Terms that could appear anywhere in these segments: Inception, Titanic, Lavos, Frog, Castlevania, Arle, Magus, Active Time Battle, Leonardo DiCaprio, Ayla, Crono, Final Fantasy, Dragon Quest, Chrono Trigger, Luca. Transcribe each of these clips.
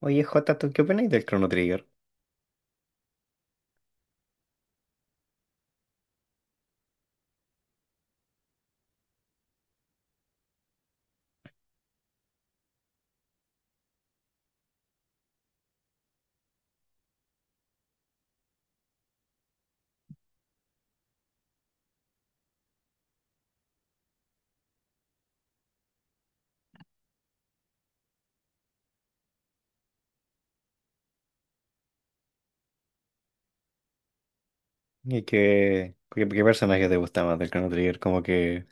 Oye, Jota, ¿tú qué opinas del Chrono Trigger? ¿Y qué personaje te gusta más del Chrono Trigger? Como que,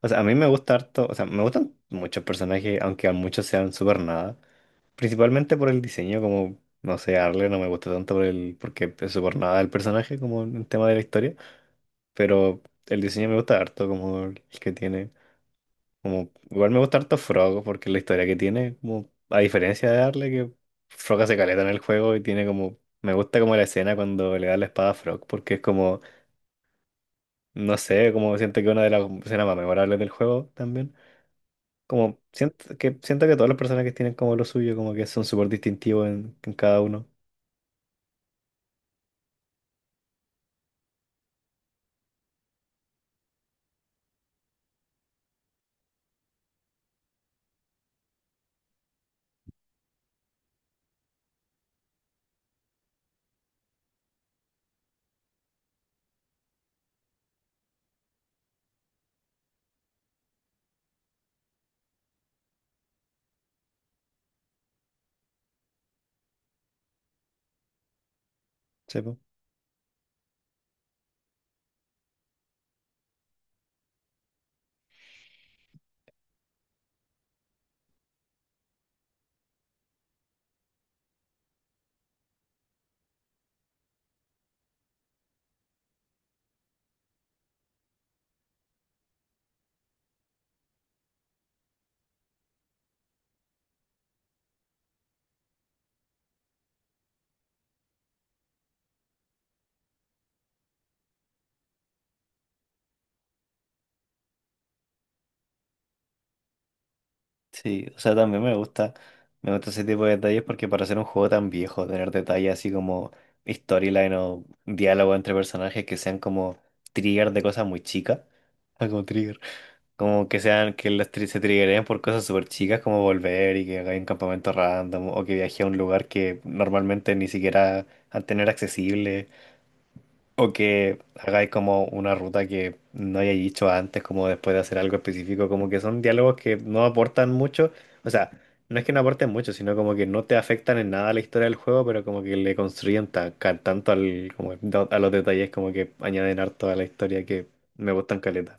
o sea, a mí me gusta harto, o sea, me gustan muchos personajes, aunque a muchos sean súper nada. Principalmente por el diseño, como, no sé, Arle no me gusta tanto porque es súper nada el personaje, como en tema de la historia. Pero el diseño me gusta harto, como el que tiene. Como, igual me gusta harto Frog porque la historia que tiene, como, a diferencia de Darle, que Frog hace caleta en el juego y tiene como, me gusta como la escena cuando le da la espada a Frog porque es como, no sé, como siento que una de las escenas más memorables del juego también. Como siento que todos los personajes tienen como lo suyo, como que son súper distintivos en cada uno. Sí, o sea, también me gusta ese tipo de detalles porque para ser un juego tan viejo, tener detalles así como storyline o diálogo entre personajes que sean como trigger de cosas muy chicas, ah, como trigger, como que sean que se triggeren por cosas súper chicas como volver y que hagáis un campamento random o que viaje a un lugar que normalmente ni siquiera al tener accesible. O que hagáis como una ruta que no hayáis dicho antes, como después de hacer algo específico, como que son diálogos que no aportan mucho. O sea, no es que no aporten mucho, sino como que no te afectan en nada a la historia del juego, pero como que le construyen tanto al, a los detalles, como que añaden harto a la historia que me gustan caleta.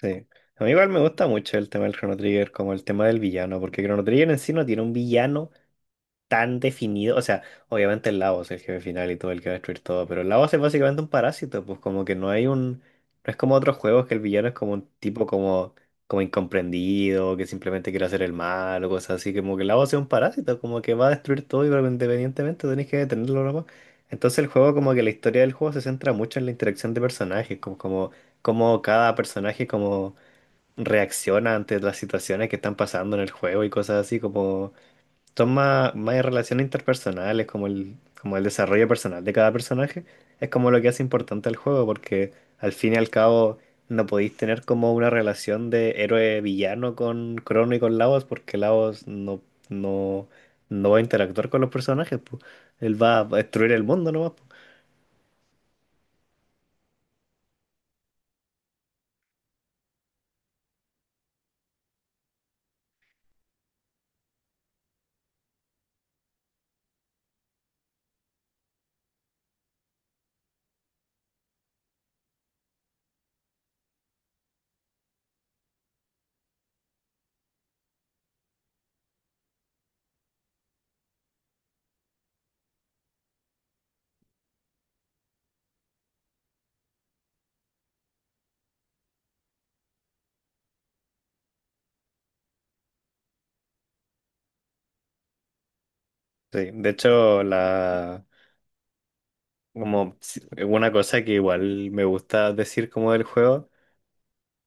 Sí. A mí igual me gusta mucho el tema del Chrono Trigger, como el tema del villano, porque Chrono Trigger en sí no tiene un villano tan definido. O sea, obviamente el Lavos es el jefe final y todo el que va a destruir todo, pero el Lavos es básicamente un parásito, pues como que no hay un... No es como otros juegos que el villano es como un tipo como, como incomprendido, que simplemente quiere hacer el mal o cosas así, como que el Lavos es un parásito, como que va a destruir todo y pero independientemente tenés que detenerlo nomás. Entonces el juego, como que la historia del juego se centra mucho en la interacción de personajes, como cada personaje como reacciona ante las situaciones que están pasando en el juego y cosas así, como son más, más relaciones interpersonales, como el desarrollo personal de cada personaje, es como lo que hace importante el juego, porque al fin y al cabo no podéis tener como una relación de héroe-villano con Crono y con Lavos, porque Lavos no, no va a interactuar con los personajes, po. Él va a destruir el mundo nomás, po. Sí, de hecho, la, como si- una cosa que igual me gusta decir como del juego.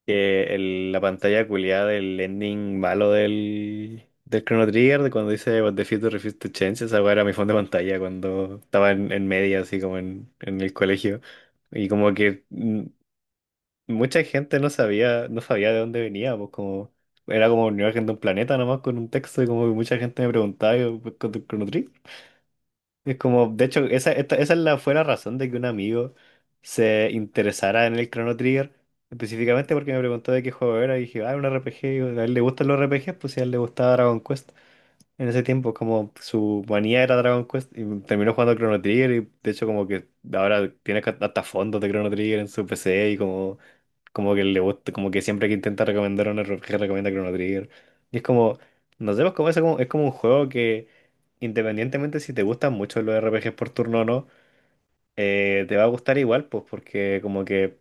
La pantalla culiada del ending malo del Chrono Trigger, de cuando dice "What the future refused to change", esa weá era mi fondo de pantalla cuando estaba en media, así como en el colegio. Y como que mucha gente no sabía de dónde venía, pues como era como una imagen de un planeta nomás con un texto, y como que mucha gente me preguntaba, yo, pues, con tu Chrono Trigger. Es como, de hecho, esa, esta- esa es la, fue la razón de que un amigo se interesara en el Chrono Trigger, específicamente porque me preguntó de qué juego era y dije, ah, un RPG, y yo, a él le gustan los RPGs, pues si a él le gustaba Dragon Quest. En ese tiempo, como su manía era Dragon Quest, y terminó jugando Chrono Trigger y de hecho como que ahora tiene hasta fondos de Chrono Trigger en su PC y como que le gusta, como que siempre que intenta recomendar un RPG recomienda Chrono Trigger. Y es como, no sé, pues como es como un juego que independientemente si te gustan mucho los RPGs por turno o no, te va a gustar igual, pues porque como que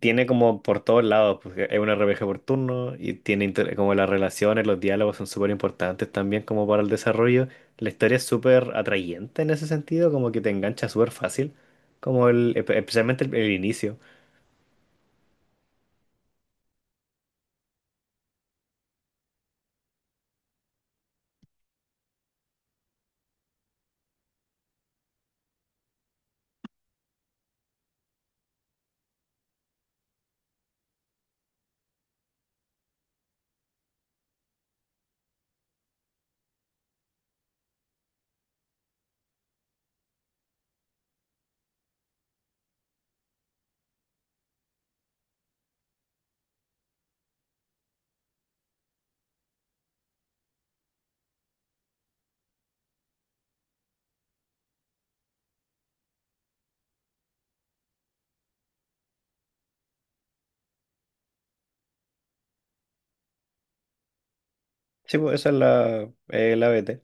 tiene como por todos lados, porque es un RPG por turno y tiene como las relaciones, los diálogos son súper importantes también como para el desarrollo. La historia es súper atrayente en ese sentido, como que te engancha súper fácil, como el, especialmente el inicio. Sí, pues esa es la, la B T.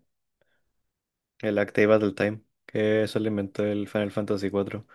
El Act Battle Time, que eso lo inventó el Final Fantasy cuatro.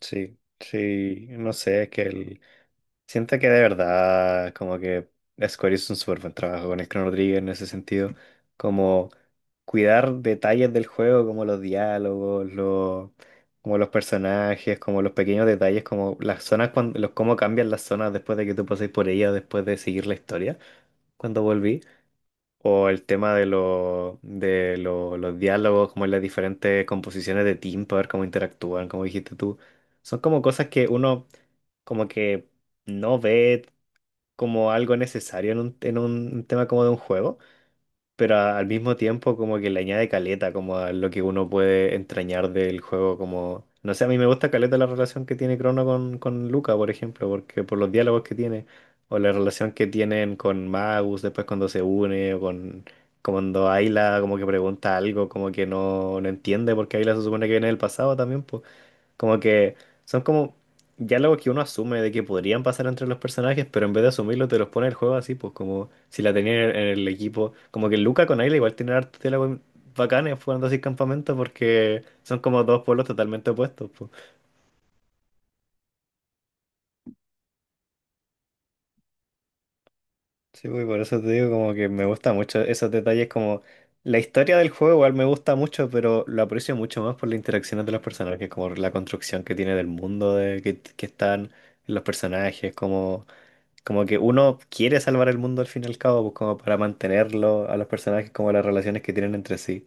Sí, sí, no sé, es que el... siento que de verdad, como que Square hizo un súper buen trabajo con el Chrono Trigger en ese sentido, como cuidar detalles del juego, como los diálogos, los... como los personajes, como los pequeños detalles, como las zonas, cuando... los... cómo cambian las zonas después de que tú pases por ellas, después de seguir la historia, cuando volví. O el tema de, los diálogos, como las diferentes composiciones de tiempo, a ver cómo interactúan, como dijiste tú. Son como cosas que uno como que no ve como algo necesario en un tema como de un juego, pero al mismo tiempo como que le añade caleta, como a lo que uno puede entrañar del juego, como... No sé, a mí me gusta caleta la relación que tiene Crono con Luca, por ejemplo, porque por los diálogos que tiene, o la relación que tienen con Magus después cuando se une, o con... Cuando Ayla como que pregunta algo, como que no entiende, porque Ayla se supone que viene del pasado también, pues. Como que son como diálogos que uno asume de que podrían pasar entre los personajes, pero en vez de asumirlo te los pone el juego así, pues como si la tenían en el equipo. Como que Luca con Ayla igual tienen hartos diálogos bacanes jugando así campamento porque son como dos pueblos totalmente opuestos, pues. Sí, pues, y por eso te digo como que me gusta mucho esos detalles, como la historia del juego igual me gusta mucho, pero lo aprecio mucho más por las interacciones de los personajes, como la construcción que tiene del mundo de, que están los personajes, como... Como que uno quiere salvar el mundo al fin y al cabo, pues como para mantenerlo a los personajes, como las relaciones que tienen entre sí.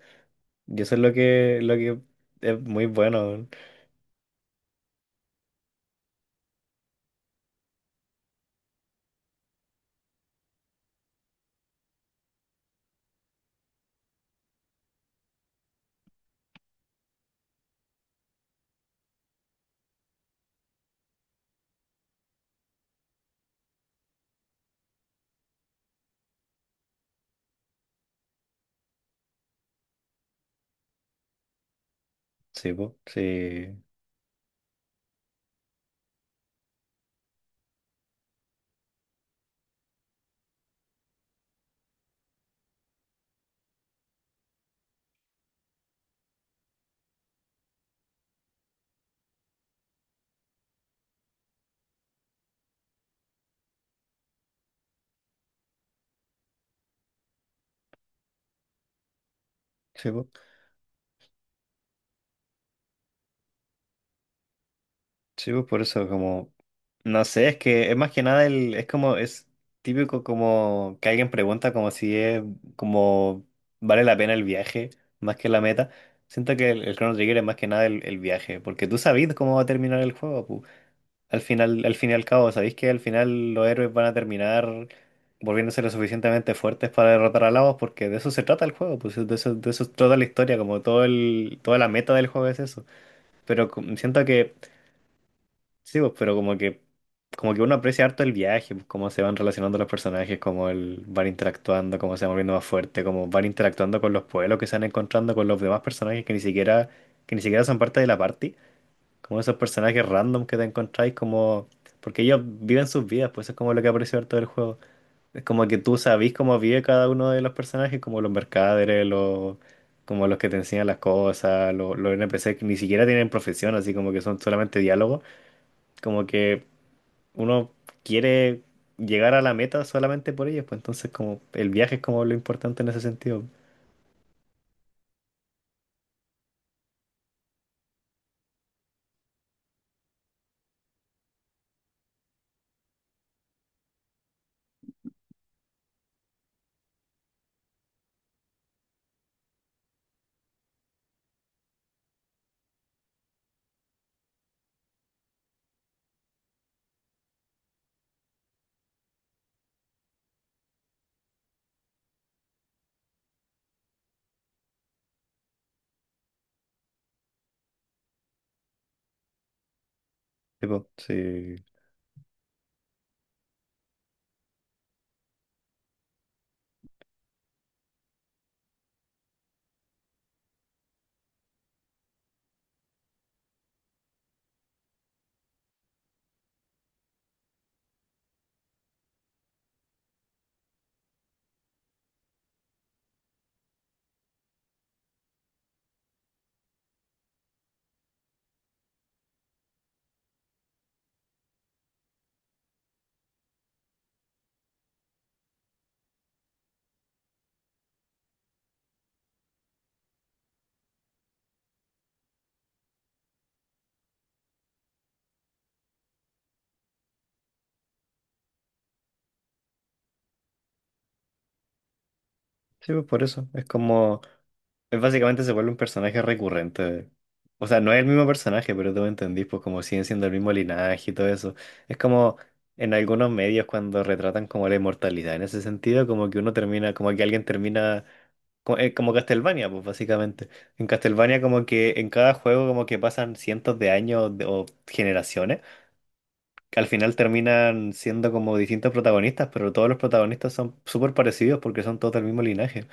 Y eso es lo que es muy bueno, weón. Sí, pues, sí, sí, pues, sí, pues, por eso como, no sé, es que es más que nada el, es como, es típico como que alguien pregunta como si es, como vale la pena el viaje más que la meta. Siento que el Chrono Trigger es más que nada el, el viaje, porque tú sabes cómo va a terminar el juego, pu. Al final, al fin y al cabo, ¿sabéis que al final los héroes van a terminar volviéndose lo suficientemente fuertes para derrotar a Lavos? Porque de eso se trata el juego, pues de eso trata la historia, como todo el, toda la meta del juego es eso. Pero siento que, sí, pues, pero como que uno aprecia harto el viaje, pues, cómo se van relacionando los personajes, cómo el, van interactuando, cómo se van volviendo más fuertes, cómo van interactuando con los pueblos que se van encontrando, con los demás personajes que ni siquiera son parte de la party. Como esos personajes random que te encontráis, como. Porque ellos viven sus vidas, pues eso es como lo que aprecio harto del juego. Es como que tú sabís cómo vive cada uno de los personajes, como los mercaderes, los. Como los que te enseñan las cosas, los NPC que ni siquiera tienen profesión, así como que son solamente diálogos. Como que uno quiere llegar a la meta solamente por ellos, pues entonces como el viaje es como lo importante en ese sentido. Tipo, sí. Sí, pues por eso. Es como. Él básicamente se vuelve un personaje recurrente. O sea, no es el mismo personaje, pero tú me entendís, pues como siguen siendo el mismo linaje y todo eso. Es como en algunos medios cuando retratan como la inmortalidad en ese sentido, como que uno termina, como que alguien termina, como, Castlevania, pues básicamente. En Castlevania como que en cada juego como que pasan cientos de años o generaciones, que al final terminan siendo como distintos protagonistas, pero todos los protagonistas son súper parecidos porque son todos del mismo linaje.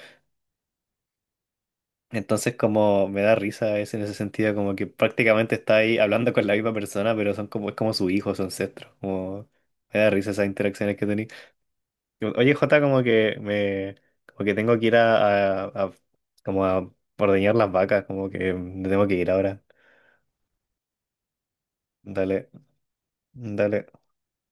Entonces como me da risa es en ese sentido, como que prácticamente está ahí hablando con la misma persona, pero son como, es como su hijo, su ancestro. Como, me da risa esas interacciones que tenía. Oye, Jota, como que me, como que tengo que ir como a ordeñar las vacas, como que me tengo que ir ahora. Dale, dale.